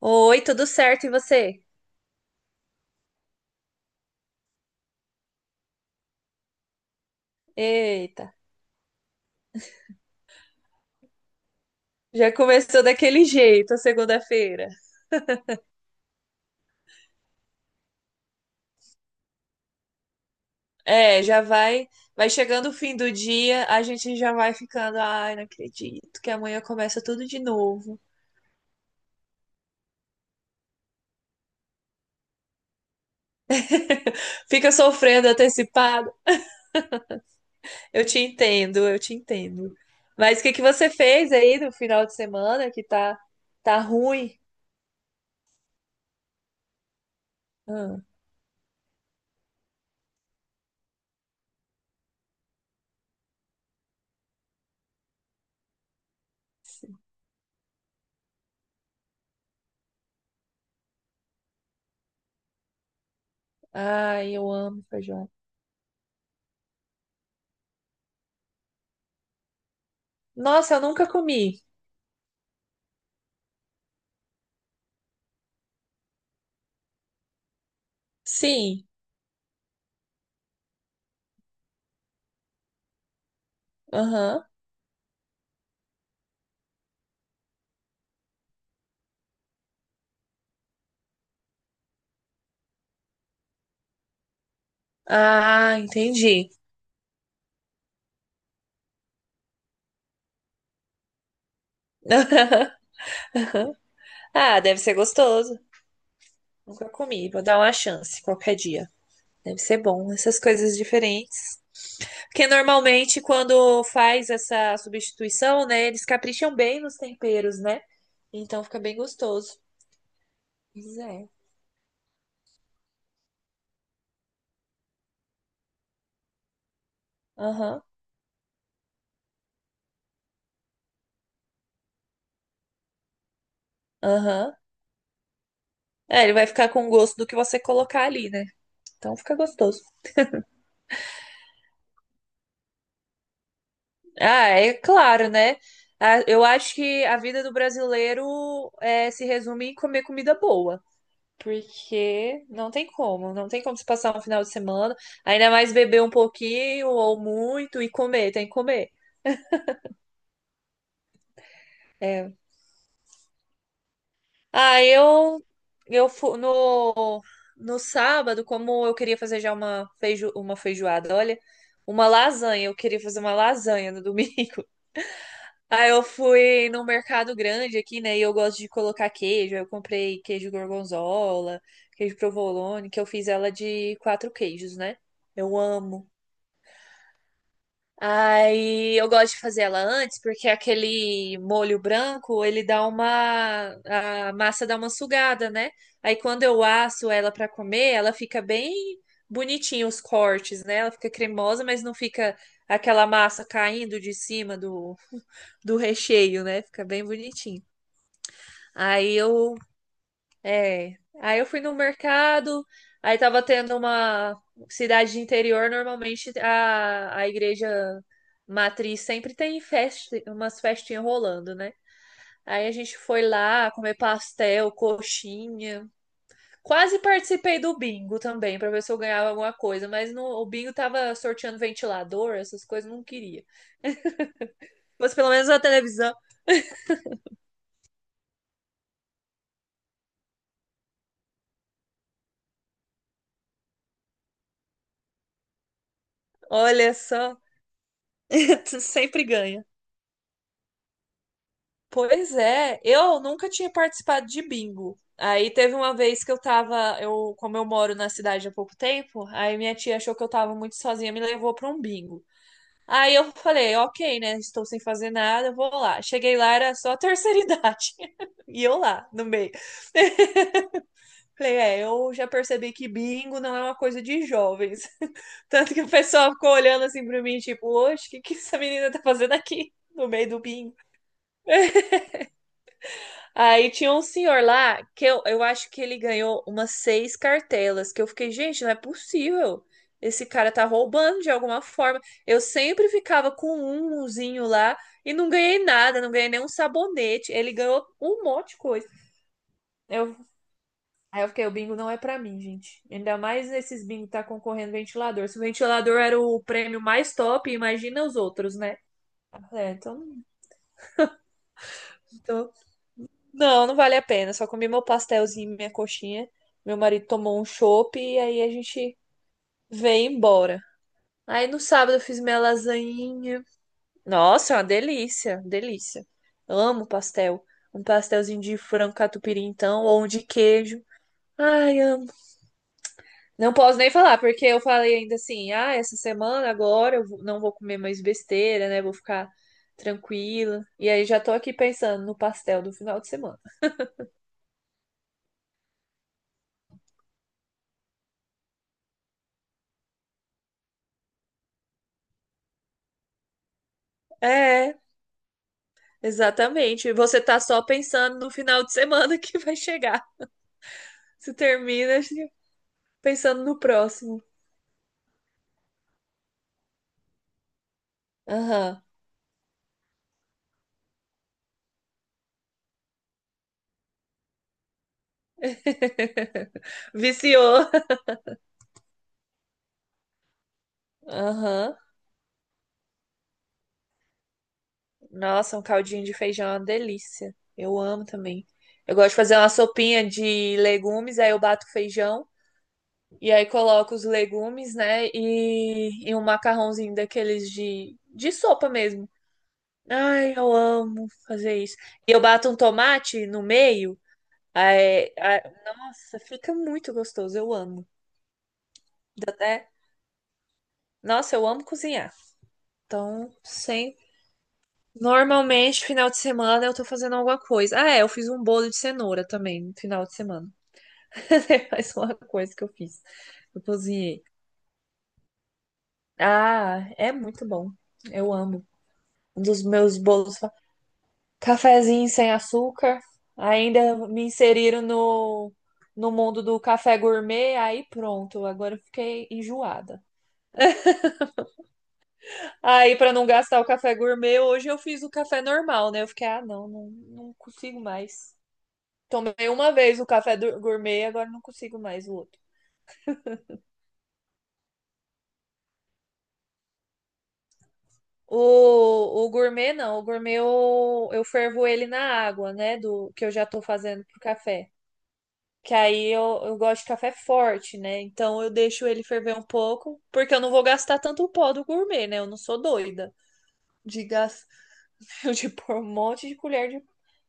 Oi, tudo certo e você? Eita, já começou daquele jeito a segunda-feira. É, vai chegando o fim do dia, a gente já vai ficando, ai, não acredito que amanhã começa tudo de novo. Fica sofrendo antecipado. Eu te entendo, eu te entendo. Mas o que que você fez aí no final de semana que tá ruim? Ah, sim. Ai, eu amo feijão. Nossa, eu nunca comi. Sim. Aham. Ah, entendi. Ah, deve ser gostoso. Nunca comi, vou dar uma chance qualquer dia. Deve ser bom, essas coisas diferentes. Porque normalmente quando faz essa substituição, né, eles capricham bem nos temperos, né? Então fica bem gostoso. Pois é. Aham, aham. É, ele vai ficar com o gosto do que você colocar ali, né? Então fica gostoso. Ah, é claro, né? Ah, eu acho que a vida do brasileiro é, se resume em comer comida boa. Porque não tem como, não tem como se passar um final de semana, ainda mais beber um pouquinho ou muito e comer, tem que comer. É. Ah, eu no sábado, como eu queria fazer já uma feijoada, olha, uma lasanha, eu queria fazer uma lasanha no domingo. Aí eu fui num mercado grande aqui, né? E eu gosto de colocar queijo. Aí eu comprei queijo gorgonzola, queijo provolone, que eu fiz ela de quatro queijos, né? Eu amo. Aí eu gosto de fazer ela antes, porque aquele molho branco, a massa dá uma sugada, né? Aí quando eu asso ela para comer, ela fica bem bonitinha os cortes, né? Ela fica cremosa, mas não fica aquela massa caindo de cima do recheio, né? Fica bem bonitinho. Aí eu É. Aí eu fui no mercado, aí tava tendo uma cidade de interior, normalmente a igreja matriz sempre tem festa, umas festinhas rolando, né? Aí a gente foi lá comer pastel, coxinha. Quase participei do bingo também, pra ver se eu ganhava alguma coisa, mas no, o bingo tava sorteando ventilador, essas coisas, não queria. Mas pelo menos na televisão, olha só, sempre ganha. Pois é, eu nunca tinha participado de bingo. Aí teve uma vez que como eu moro na cidade há pouco tempo, aí minha tia achou que eu tava muito sozinha, me levou pra um bingo. Aí eu falei, ok, né? Estou sem fazer nada, eu vou lá. Cheguei lá, era só a terceira idade. E eu lá, no meio. Falei, é, eu já percebi que bingo não é uma coisa de jovens. Tanto que o pessoal ficou olhando assim pra mim, tipo, oxe, o que que essa menina tá fazendo aqui no meio do bingo? Aí tinha um senhor lá que eu acho que ele ganhou umas seis cartelas, que eu fiquei, gente, não é possível. Esse cara tá roubando de alguma forma. Eu sempre ficava com um umzinho lá e não ganhei nada, não ganhei nenhum sabonete. Ele ganhou um monte de coisa. Eu, Aí eu fiquei, o bingo não é pra mim, gente. Ainda mais nesses bingo que tá concorrendo ventilador. Se o ventilador era o prêmio mais top, imagina os outros, né? É, então, não, não vale a pena. Só comi meu pastelzinho, e minha coxinha. Meu marido tomou um chopp e aí a gente veio embora. Aí no sábado eu fiz minha lasanhinha. Nossa, é uma delícia, delícia. Amo pastel. Um pastelzinho de frango catupiry, então, ou um de queijo. Ai, amo. Não posso nem falar, porque eu falei ainda assim: ah, essa semana agora eu não vou comer mais besteira, né? Vou ficar tranquila. E aí já tô aqui pensando no pastel do final de semana. É. Exatamente. E você tá só pensando no final de semana que vai chegar. Você termina assim, pensando no próximo. Aham. Viciou. Aham. Nossa, um caldinho de feijão é uma delícia. Eu amo também. Eu gosto de fazer uma sopinha de legumes, aí eu bato feijão e aí coloco os legumes, né? E um macarrãozinho daqueles de sopa mesmo. Ai, eu amo fazer isso. E eu bato um tomate no meio. Ai, ai, nossa, fica muito gostoso, eu amo. Dá Até, nossa, eu amo cozinhar. Então, sem. Normalmente, final de semana eu tô fazendo alguma coisa. Ah, é, eu fiz um bolo de cenoura também no final de semana. Mais uma coisa que eu fiz. Eu cozinhei. Ah, é muito bom. Eu amo. Um dos meus bolos. Cafezinho sem açúcar. Ainda me inseriram no mundo do café gourmet. Aí pronto, agora eu fiquei enjoada. Aí, pra não gastar o café gourmet, hoje eu fiz o café normal, né? Eu fiquei, ah, não, não, não consigo mais. Tomei uma vez o café gourmet, agora não consigo mais o outro. O gourmet, não. O gourmet eu fervo ele na água, né? Do que eu já tô fazendo pro café. Que aí eu gosto de café forte, né? Então eu deixo ele ferver um pouco, porque eu não vou gastar tanto pó do gourmet, né? Eu não sou doida de gastar eu de pôr um monte de colher de,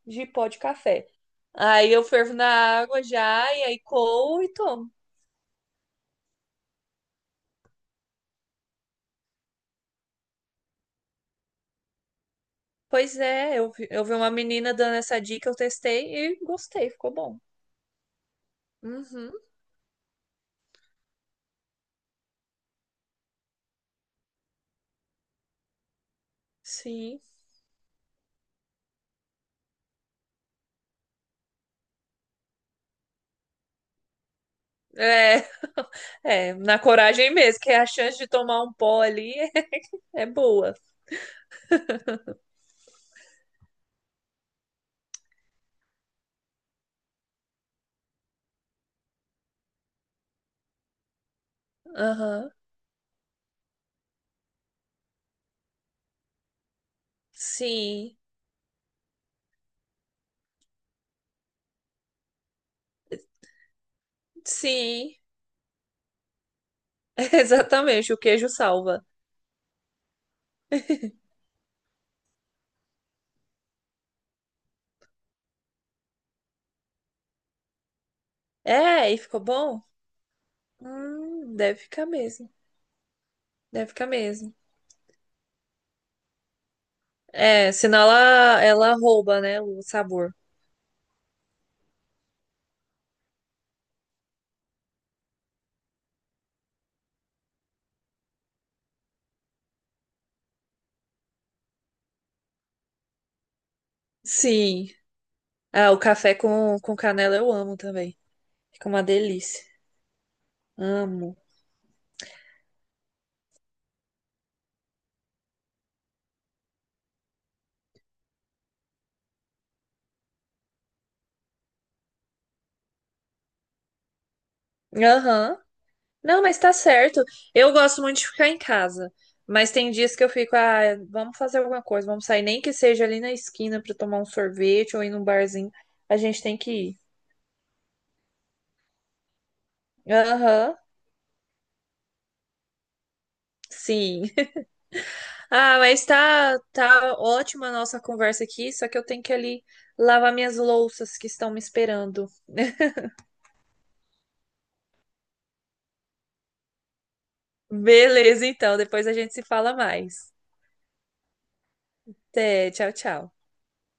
de pó de café. Aí eu fervo na água já, e aí coo e tomo. Pois é, eu vi uma menina dando essa dica, eu testei e gostei, ficou bom. Uhum, sim. É, é, na coragem mesmo, que a chance de tomar um pó ali é boa. Aham, sim, sim, exatamente, o queijo salva. É, e ficou bom? Deve ficar mesmo, deve ficar mesmo. É, senão ela rouba, né, o sabor. Sim. Ah, o café com canela eu amo também. Fica uma delícia. Amo. Aham. Não, mas tá certo. Eu gosto muito de ficar em casa. Mas tem dias que eu fico, ah, vamos fazer alguma coisa, vamos sair, nem que seja ali na esquina pra tomar um sorvete ou ir num barzinho. A gente tem que ir. Aham. Sim. Ah, mas tá ótima a nossa conversa aqui, só que eu tenho que ali lavar minhas louças que estão me esperando. Beleza, então, depois a gente se fala mais. Até, tchau, tchau.